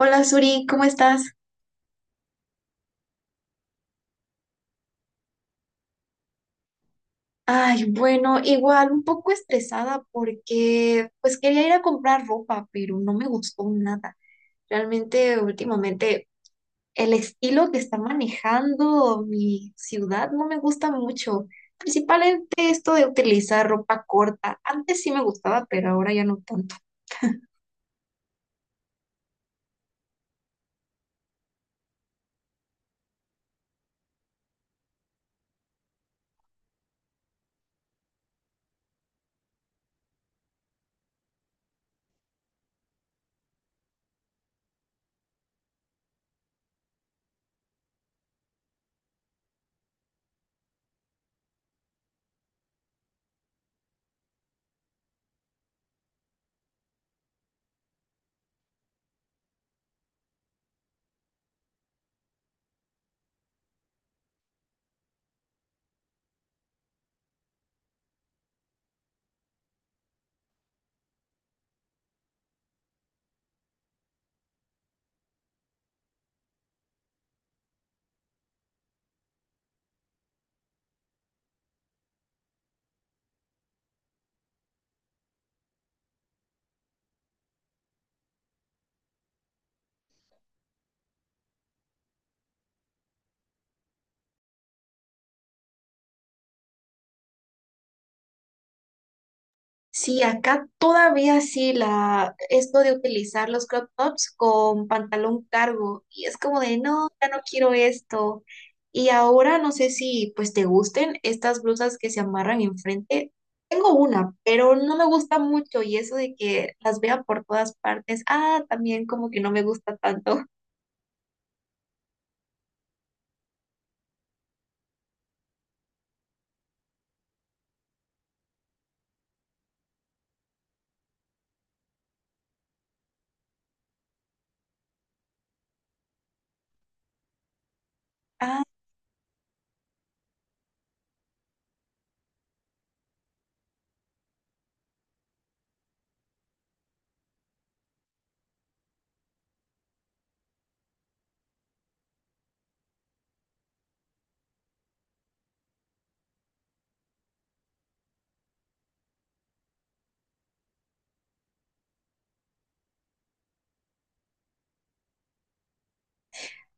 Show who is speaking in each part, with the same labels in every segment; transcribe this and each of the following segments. Speaker 1: Hola Suri, ¿cómo estás? Ay, bueno, igual un poco estresada porque pues quería ir a comprar ropa, pero no me gustó nada. Realmente últimamente el estilo que está manejando mi ciudad no me gusta mucho. Principalmente esto de utilizar ropa corta. Antes sí me gustaba, pero ahora ya no tanto. Sí, acá todavía sí la esto de utilizar los crop tops con pantalón cargo y es como de no, ya no quiero esto. Y ahora no sé si pues te gusten estas blusas que se amarran enfrente. Tengo una, pero no me gusta mucho y eso de que las vea por todas partes, ah, también como que no me gusta tanto.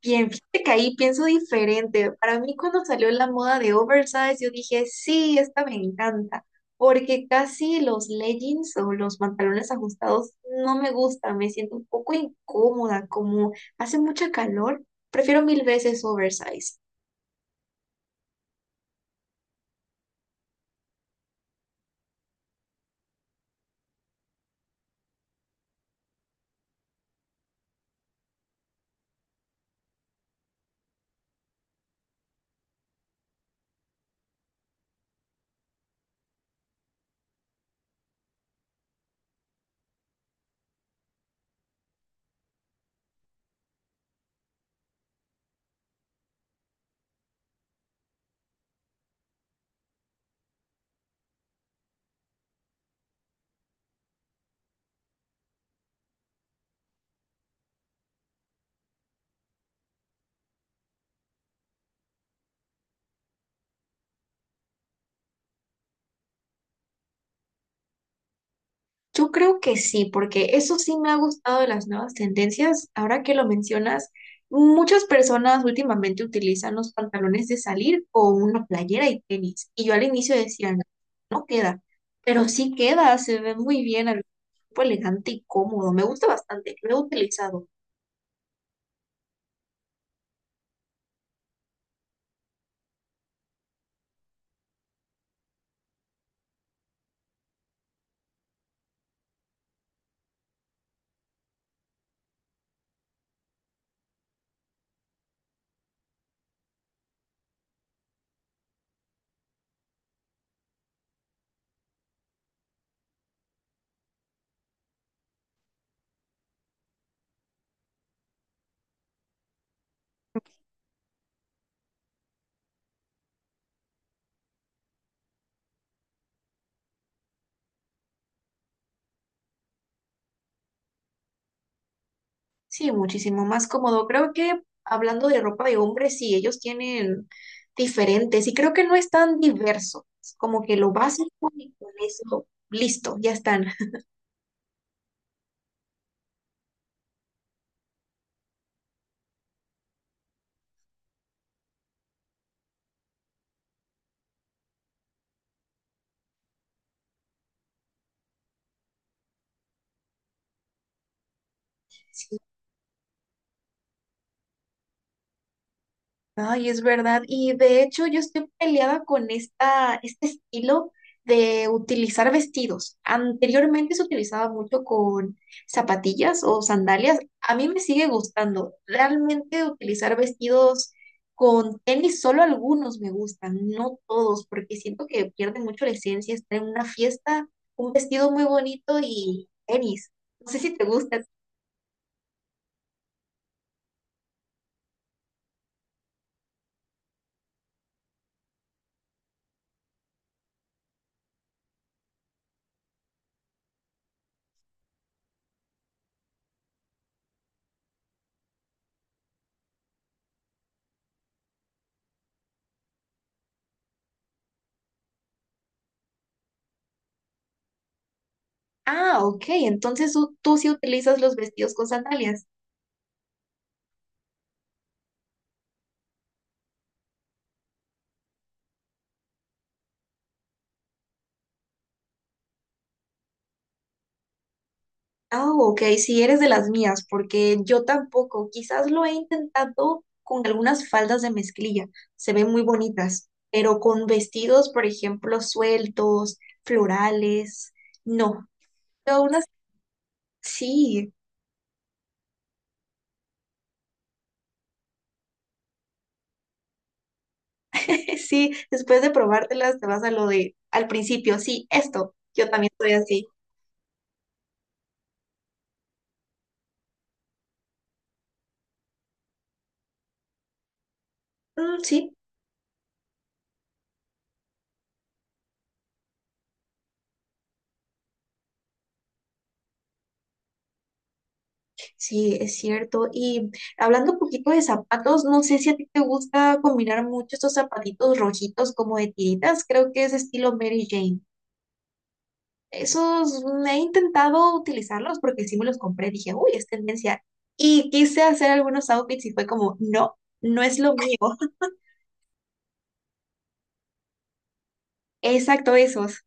Speaker 1: Bien, fíjate que ahí pienso diferente. Para mí cuando salió la moda de oversize, yo dije, sí, esta me encanta, porque casi los leggings o los pantalones ajustados no me gustan, me siento un poco incómoda, como hace mucha calor, prefiero mil veces oversize. Yo creo que sí, porque eso sí me ha gustado de las nuevas tendencias. Ahora que lo mencionas, muchas personas últimamente utilizan los pantalones de salir con una playera y tenis. Y yo al inicio decía, no, no queda, pero sí queda, se ve muy bien, al cuerpo elegante y cómodo. Me gusta bastante, lo he utilizado. Sí, muchísimo más cómodo. Creo que hablando de ropa de hombres, sí, ellos tienen diferentes y creo que no es tan diverso. Es como que lo básico y con eso, listo, ya están. Sí, ay, es verdad. Y de hecho, yo estoy peleada con esta, este estilo de utilizar vestidos. Anteriormente se utilizaba mucho con zapatillas o sandalias. A mí me sigue gustando. Realmente utilizar vestidos con tenis, solo algunos me gustan, no todos, porque siento que pierde mucho la esencia estar en una fiesta, un vestido muy bonito y tenis. No sé si te gusta. Ah, ok, entonces tú sí utilizas los vestidos con sandalias. Ah, ok, si eres de las mías, porque yo tampoco, quizás lo he intentado con algunas faldas de mezclilla, se ven muy bonitas, pero con vestidos, por ejemplo, sueltos, florales, no. Pero aún así, sí, sí, después de probártelas te vas a lo de al principio, sí, esto, yo también soy así. Mm, sí. Sí, es cierto. Y hablando un poquito de zapatos, no sé si a ti te gusta combinar mucho estos zapatitos rojitos como de tiritas, creo que es estilo Mary Jane. Esos mm, he intentado utilizarlos porque sí me los compré, dije, uy, es tendencia. Y quise hacer algunos outfits y fue como, no, no es lo mío. Exacto, esos.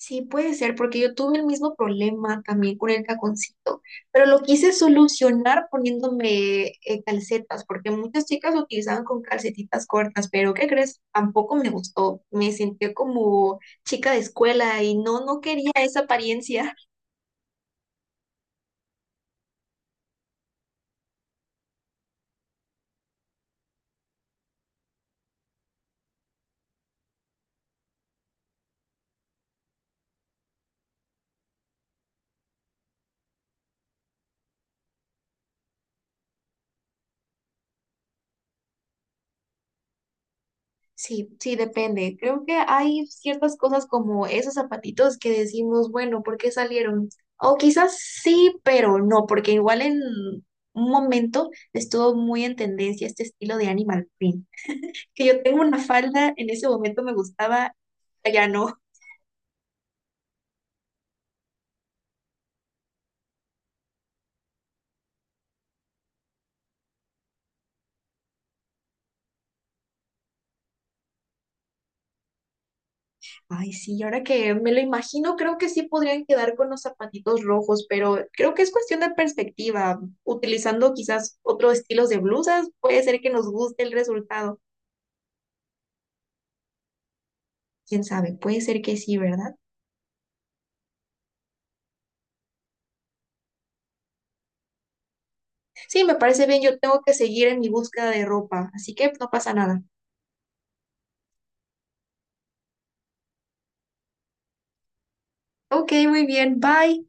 Speaker 1: Sí, puede ser, porque yo tuve el mismo problema también con el taconcito, pero lo quise solucionar poniéndome calcetas, porque muchas chicas lo utilizaban con calcetitas cortas, pero ¿qué crees? Tampoco me gustó, me sentí como chica de escuela y no, no quería esa apariencia. Sí, sí, depende. Creo que hay ciertas cosas como esos zapatitos que decimos, bueno, ¿por qué salieron? O quizás sí, pero no, porque igual en un momento estuvo muy en tendencia este estilo de animal print. Que yo tengo una falda, en ese momento me gustaba, ya no. Ay, sí, ahora que me lo imagino, creo que sí podrían quedar con los zapatitos rojos, pero creo que es cuestión de perspectiva. Utilizando quizás otros estilos de blusas, puede ser que nos guste el resultado. Quién sabe, puede ser que sí, ¿verdad? Sí, me parece bien, yo tengo que seguir en mi búsqueda de ropa, así que no pasa nada. Ok, muy bien, bye.